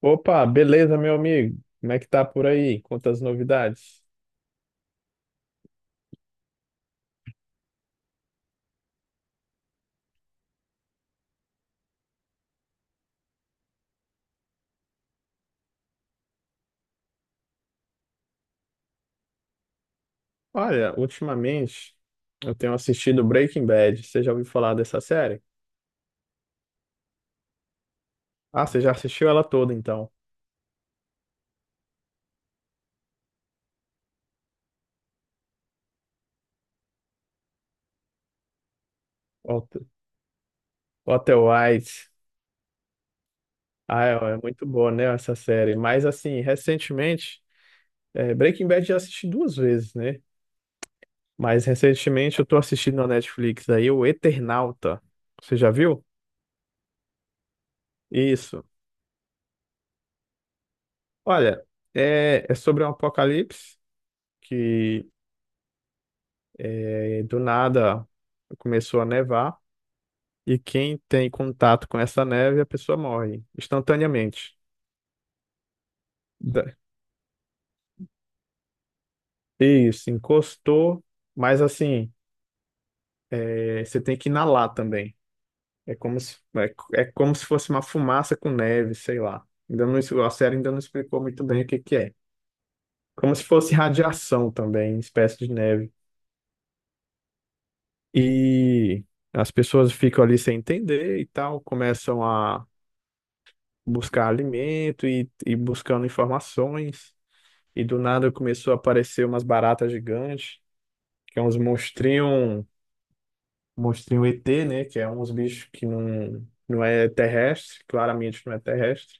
Opa, beleza, meu amigo? Como é que tá por aí? Quantas novidades? Olha, ultimamente eu tenho assistido Breaking Bad. Você já ouviu falar dessa série? Ah, você já assistiu ela toda, então. Walter Walter White. Ah, é muito boa, né, essa série. Mas, assim, recentemente, Breaking Bad já assisti duas vezes, né? Mas, recentemente, eu tô assistindo na Netflix aí o Eternauta. Você já viu? Isso. Olha, é sobre um apocalipse que e do nada começou a nevar, e quem tem contato com essa neve, a pessoa morre instantaneamente. Da- Isso, encostou, mas assim, é, você tem que inalar também. É como se, é como se fosse uma fumaça com neve, sei lá. Ainda não, a série ainda não explicou muito bem o que que é. Como se fosse radiação também, espécie de neve. E as pessoas ficam ali sem entender e tal, começam a buscar alimento e, buscando informações. E do nada começou a aparecer umas baratas gigantes, que é uns monstrinhos, monstrinho ET, né? Que é uns bichos que não é terrestre, claramente não é terrestre,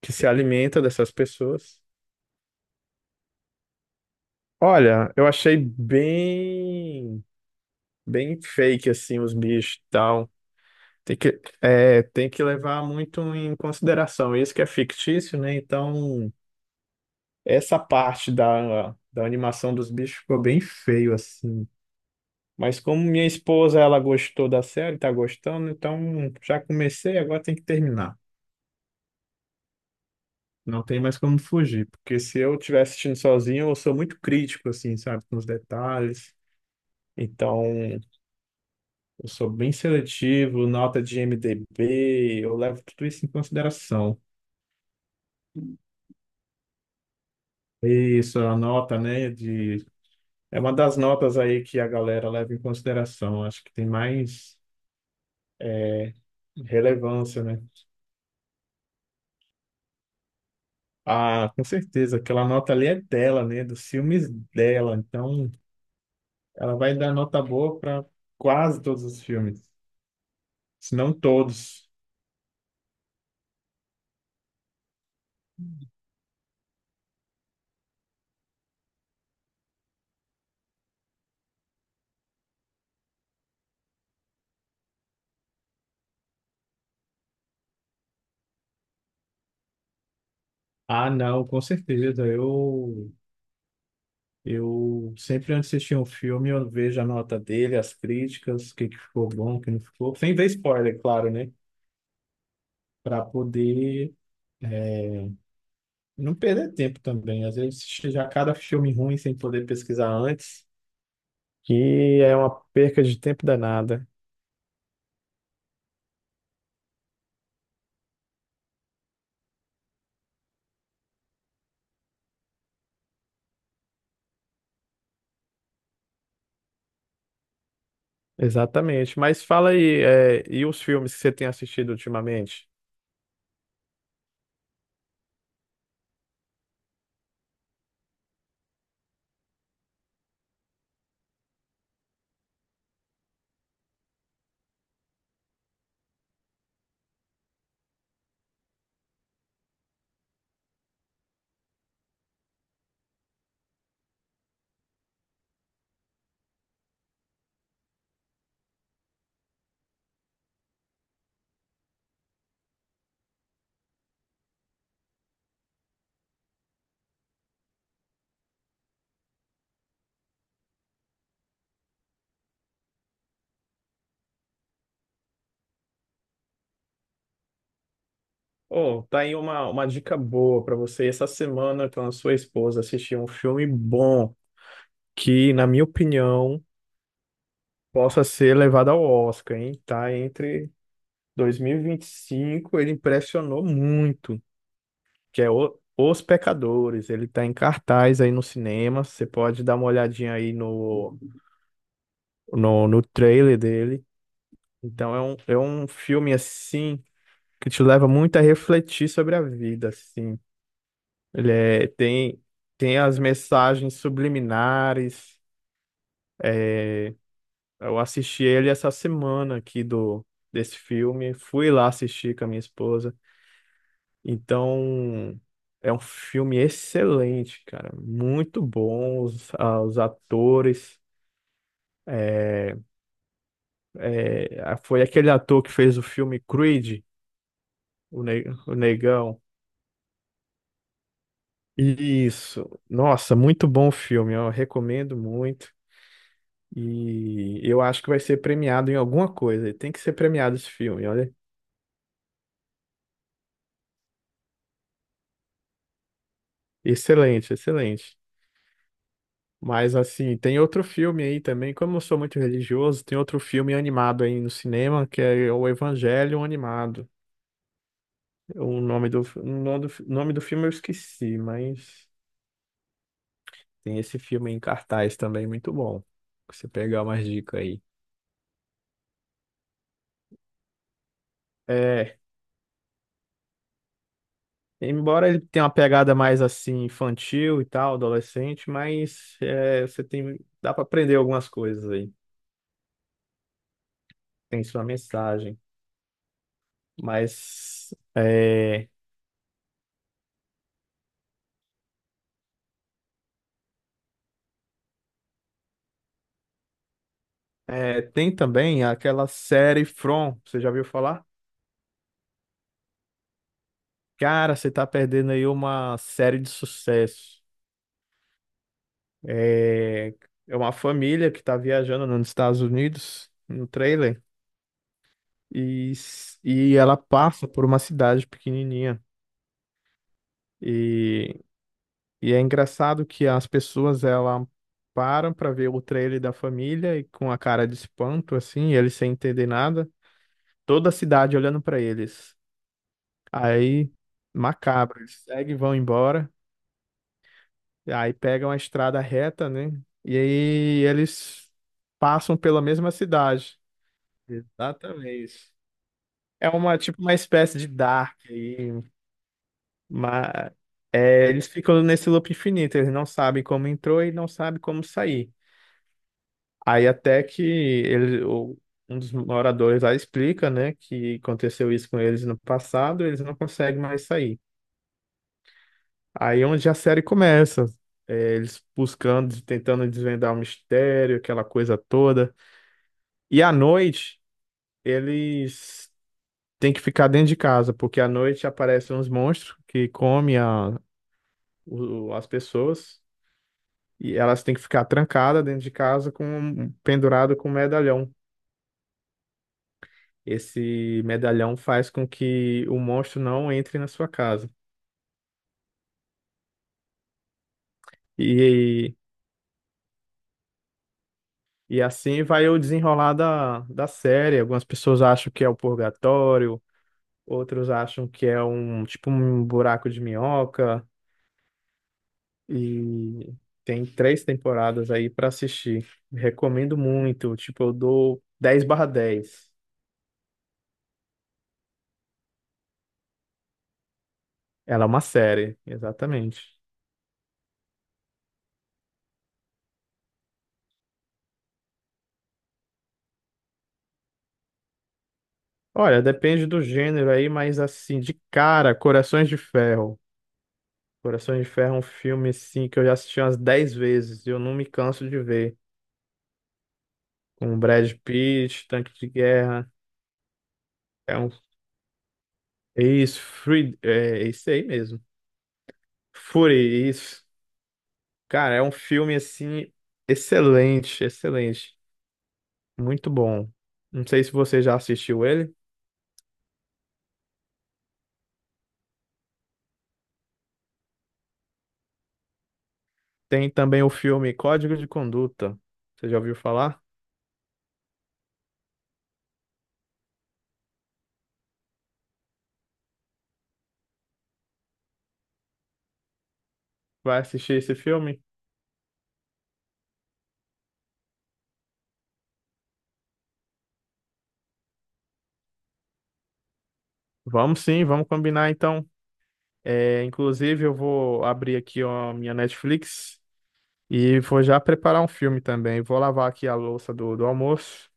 que se alimenta dessas pessoas. Olha, bem fake assim os bichos e tal. Tem que levar muito em consideração. Isso que é fictício, né? Então essa parte da animação dos bichos ficou bem feio, assim. Mas como minha esposa, ela gostou da série, tá gostando, então já comecei, agora tem que terminar. Não tem mais como fugir, porque se eu estiver assistindo sozinho, eu sou muito crítico, assim, sabe, com os detalhes. Então, eu sou bem seletivo, nota de IMDb, eu levo tudo isso em consideração. Isso, a nota, né, de... É uma das notas aí que a galera leva em consideração. Acho que tem mais relevância, né? Ah, com certeza. Aquela nota ali é dela, né? Dos filmes dela. Então, ela vai dar nota boa para quase todos os filmes, se não todos. Ah, não, com certeza. Eu sempre antes de assistir um filme, eu vejo a nota dele, as críticas, o que que ficou bom, o que não ficou. Sem ver spoiler, claro, né? Para poder, é, não perder tempo também. Às vezes, já cada filme ruim sem poder pesquisar antes, que é uma perca de tempo danada. Exatamente. Mas fala aí, é, e os filmes que você tem assistido ultimamente? Oh, tá aí uma dica boa para você. Essa semana, com a sua esposa, assistir um filme bom que, na minha opinião, possa ser levado ao Oscar, hein? Tá entre 2025, ele impressionou muito, que é Os Pecadores. Ele tá em cartaz aí no cinema. Você pode dar uma olhadinha aí no trailer dele. Então é um filme assim, que te leva muito a refletir sobre a vida, assim. Tem, tem as mensagens subliminares. É, eu assisti ele essa semana aqui do desse filme, fui lá assistir com a minha esposa. Então, é um filme excelente, cara, muito bom os, ah, os atores. É, ah, foi aquele ator que fez o filme Creed, o Negão. Isso. Nossa, muito bom o filme, eu recomendo muito. E eu acho que vai ser premiado em alguma coisa. Tem que ser premiado esse filme, olha. Excelente, excelente. Mas assim, tem outro filme aí também, como eu sou muito religioso, tem outro filme animado aí no cinema, que é o Evangelho Animado. Nome do filme eu esqueci, mas tem esse filme em cartaz também, muito bom. Você pegar umas dicas aí. É Embora ele tenha uma pegada mais assim infantil e tal, adolescente, mas é, você tem, dá para aprender algumas coisas aí. Tem sua mensagem, mas é, é, tem também aquela série From, você já ouviu falar? Cara, você tá perdendo aí uma série de sucesso. É, é uma família que tá viajando nos Estados Unidos, no trailer, e, e ela passa por uma cidade pequenininha. E E é engraçado que as pessoas ela param para ver o trailer da família e com a cara de espanto assim, eles sem entender nada, toda a cidade olhando para eles. Aí macabro, eles seguem, vão embora, e aí pegam a estrada reta, né? E aí eles passam pela mesma cidade. Exatamente. É uma tipo uma espécie de Dark aí, mas é, eles ficam nesse loop infinito, eles não sabem como entrou e não sabem como sair. Aí até que um dos moradores lá explica, né, que aconteceu isso com eles no passado, eles não conseguem mais sair. Aí é onde a série começa, é, eles buscando, tentando desvendar o mistério, aquela coisa toda. E à noite, eles têm que ficar dentro de casa, porque à noite aparecem uns monstros que comem as pessoas, e elas têm que ficar trancadas dentro de casa com pendurado com um medalhão. Esse medalhão faz com que o monstro não entre na sua casa. E, e assim vai o desenrolar da série. Algumas pessoas acham que é o purgatório, outros acham que é um tipo um buraco de minhoca. E tem 3 temporadas aí para assistir. Recomendo muito. Tipo, eu dou 10/10. Ela é uma série, exatamente. Olha, depende do gênero aí, mas assim, de cara, Corações de Ferro. Coração de Ferro é um filme, sim, que eu já assisti umas 10 vezes e eu não me canso de ver. Com Brad Pitt, Tanque de Guerra. É um. É isso, Free, é é isso aí mesmo. Fury, isso. Cara, é um filme, assim, excelente, excelente. Muito bom. Não sei se você já assistiu ele. Tem também o filme Código de Conduta. Você já ouviu falar? Vai assistir esse filme? Vamos sim, vamos combinar então. É, inclusive, eu vou abrir aqui ó, a minha Netflix. E vou já preparar um filme também. Vou lavar aqui a louça do almoço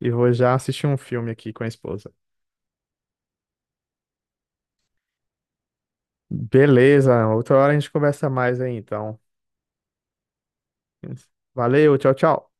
e vou já assistir um filme aqui com a esposa. Beleza, outra hora a gente conversa mais aí, então. Valeu, tchau, tchau.